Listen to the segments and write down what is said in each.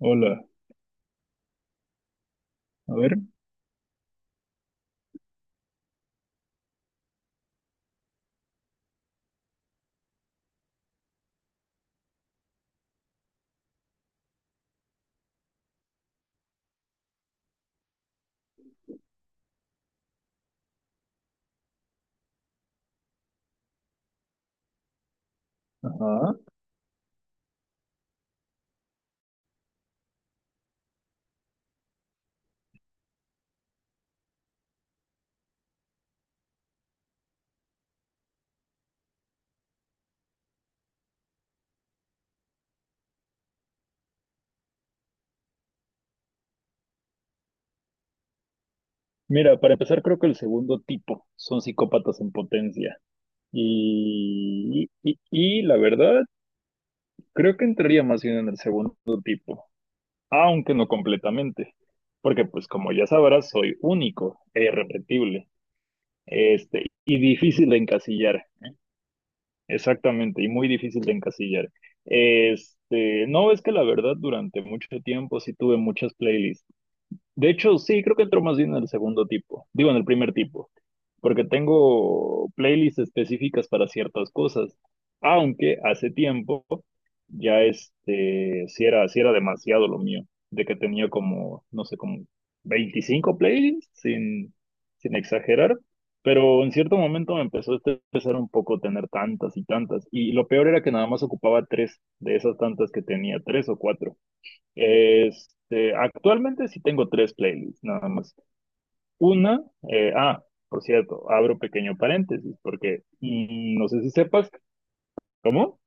Hola, a ver. Ajá. Mira, para empezar, creo que el segundo tipo son psicópatas en potencia. Y la verdad, creo que entraría más bien en el segundo tipo, aunque no completamente. Porque, pues, como ya sabrás, soy único e irrepetible. Y difícil de encasillar. Exactamente, y muy difícil de encasillar. No, es que la verdad, durante mucho tiempo sí tuve muchas playlists. De hecho, sí, creo que entró más bien en el segundo tipo. Digo, en el primer tipo, porque tengo playlists específicas para ciertas cosas. Aunque hace tiempo ya si era demasiado lo mío, de que tenía como, no sé, como 25 playlists, sin exagerar, pero en cierto momento me empezó a estresar un poco tener tantas y tantas, y lo peor era que nada más ocupaba tres de esas tantas que tenía, tres o cuatro. Actualmente sí tengo tres playlists, nada más. Una, por cierto, abro pequeño paréntesis, porque no sé si sepas, ¿cómo?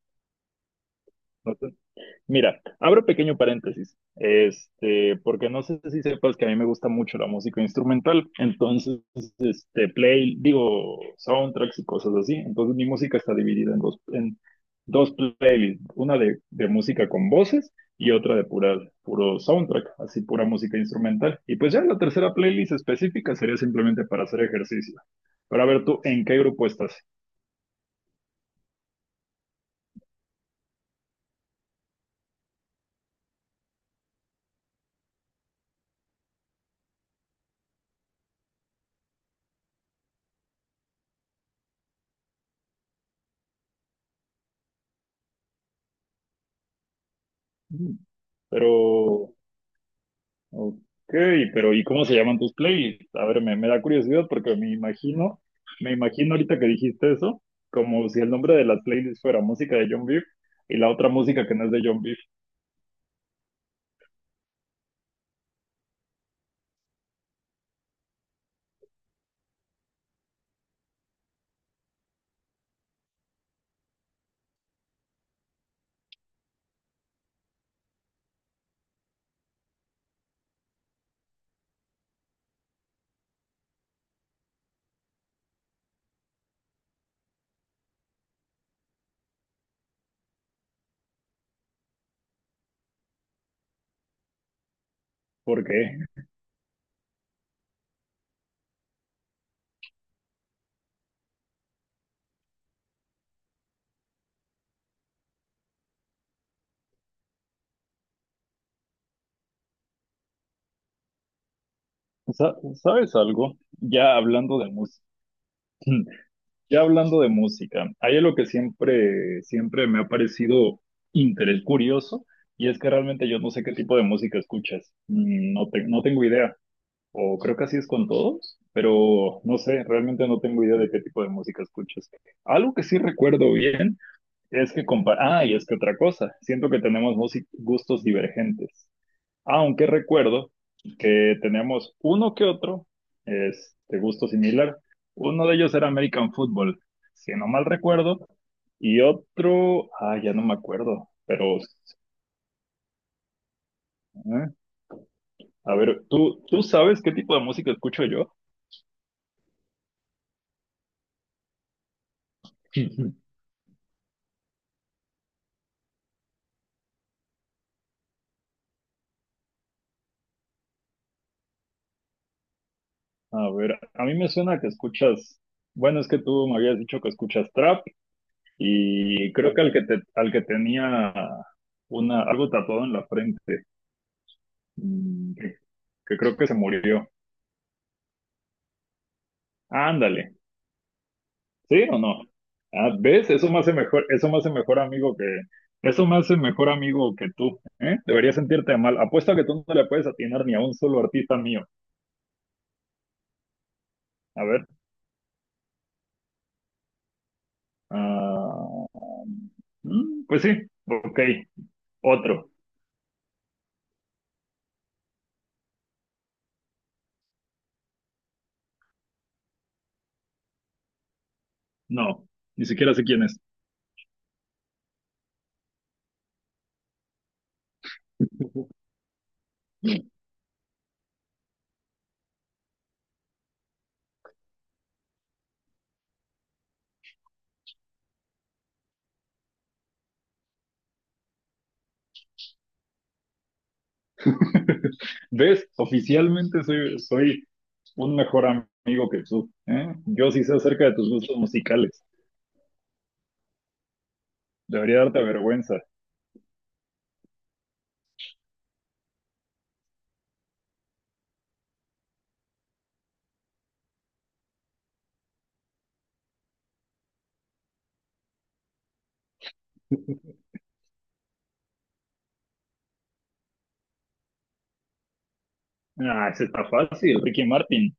Mira, abro pequeño paréntesis, porque no sé si sepas que a mí me gusta mucho la música instrumental, entonces, digo, soundtracks y cosas así, entonces mi música está dividida en dos playlists, una de música con voces y otra de puro soundtrack, así pura música instrumental, y pues ya la tercera playlist específica sería simplemente para hacer ejercicio, para ver tú en qué grupo estás, pero... Ok, pero ¿y cómo se llaman tus playlists? A ver, me da curiosidad porque me imagino ahorita que dijiste eso, como si el nombre de las playlists fuera música de John Beef y la otra música que no es de John Beef. ¿Por qué? ¿Sabes algo? Ya hablando de música, ya hablando de música, hay algo que siempre, siempre me ha parecido interés curioso y es que realmente yo no sé qué tipo de música escuchas. No, no tengo idea. O creo que así es con todos, pero no sé, realmente no tengo idea de qué tipo de música escuchas. Algo que sí recuerdo bien es que y es que otra cosa, siento que tenemos gustos divergentes, aunque recuerdo que tenemos uno que otro es de gusto similar. Uno de ellos era American Football, si no mal recuerdo, y otro, ah, ya no me acuerdo, pero ¿eh? A ver, tú sabes qué tipo de música escucho yo? A ver, a mí me suena que escuchas, bueno, es que tú me habías dicho que escuchas trap y creo que al que al que tenía una, algo tatuado en la frente, mm, que, que creo que se murió. Ándale, ¿sí o no? Ah, ¿ves? Eso me hace mejor, eso me hace mejor amigo que, eso me hace mejor amigo que tú, ¿eh? Deberías sentirte mal. Apuesto a que tú no le puedes atinar ni a un solo artista mío. A ver, ah, pues sí, ok, otro. No, ni siquiera sé quién es. ¿Ves? Oficialmente soy un mejor amigo que tú, ¿eh? Yo sí sé acerca de tus gustos musicales. Debería darte vergüenza. Ah, ese está fácil. Ricky Martin.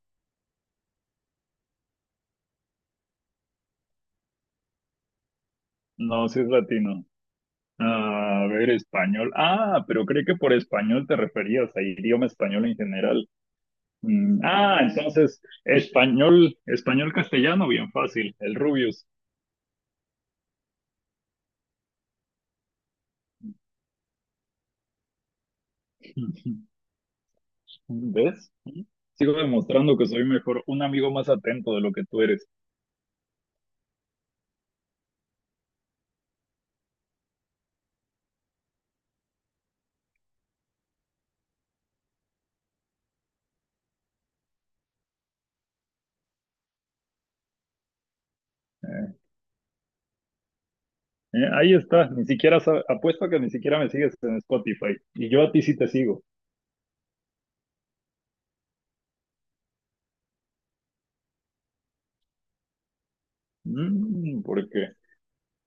No, si es latino. A ver, español. Ah, pero creí que por español te referías a idioma español en general. Entonces, español, español castellano, bien fácil. El Rubius. ¿Ves? Sigo demostrando que soy mejor, un amigo más atento de lo que tú eres. Eh, ahí está, ni siquiera apuesto a que ni siquiera me sigues en Spotify. Y yo a ti sí te sigo. ¿Por qué?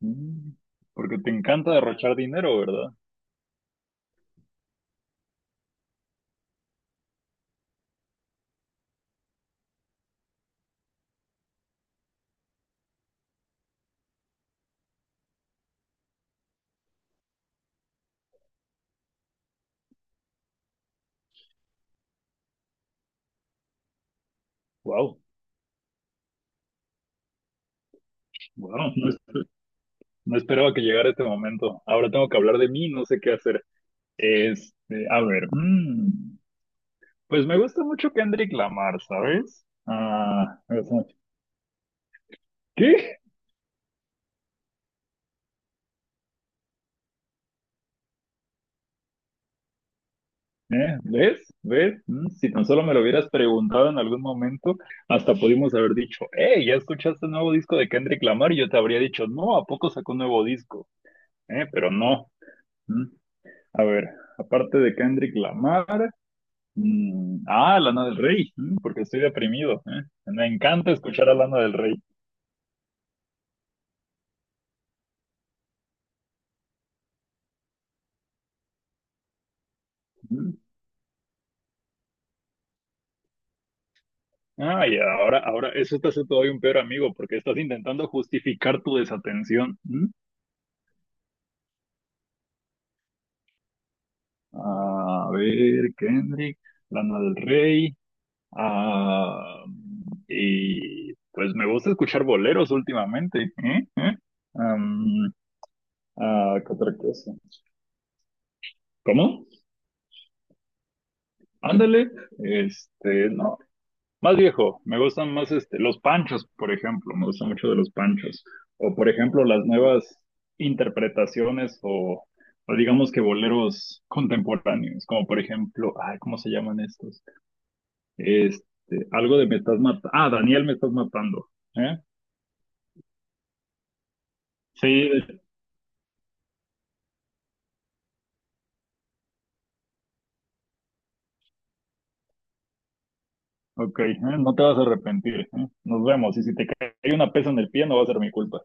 Mm, Porque te encanta derrochar dinero, ¿verdad? Wow, wow, no, no esperaba que llegara este momento. Ahora tengo que hablar de mí, no sé qué hacer. A ver, pues me gusta mucho Kendrick Lamar, ¿sabes? Ah, o sea, ¿qué? ¿Eh? ¿Ves? ¿Ves? Si tan solo me lo hubieras preguntado en algún momento, hasta pudimos haber dicho, hey, ¿ya escuchaste el nuevo disco de Kendrick Lamar? Y yo te habría dicho, no, ¿a poco sacó un nuevo disco? ¿Eh? Pero no. Mm. A ver, aparte de Kendrick Lamar, Lana del Rey, mm, porque estoy deprimido. ¿Eh? Me encanta escuchar a Lana del Rey. Mm. Ah, y ahora, ahora, eso te hace todavía un peor amigo, porque estás intentando justificar tu desatención. ¿M? A ver, Kendrick, Lana del Rey. Ah, y pues me gusta escuchar boleros últimamente, ¿eh? ¿Eh? Am, ¿Qué otra cosa? ¿Cómo? Ándale, no, más viejo, me gustan más los panchos, por ejemplo, me gusta mucho de los panchos, o por ejemplo las nuevas interpretaciones o digamos que boleros contemporáneos, como por ejemplo, ay, ¿cómo se llaman estos? Este, algo de me estás matando, ah, Daniel me estás matando, ¿eh? Sí, ok, ¿eh? No te vas a arrepentir, ¿eh? Nos vemos. Y si te cae una pesa en el pie, no va a ser mi culpa.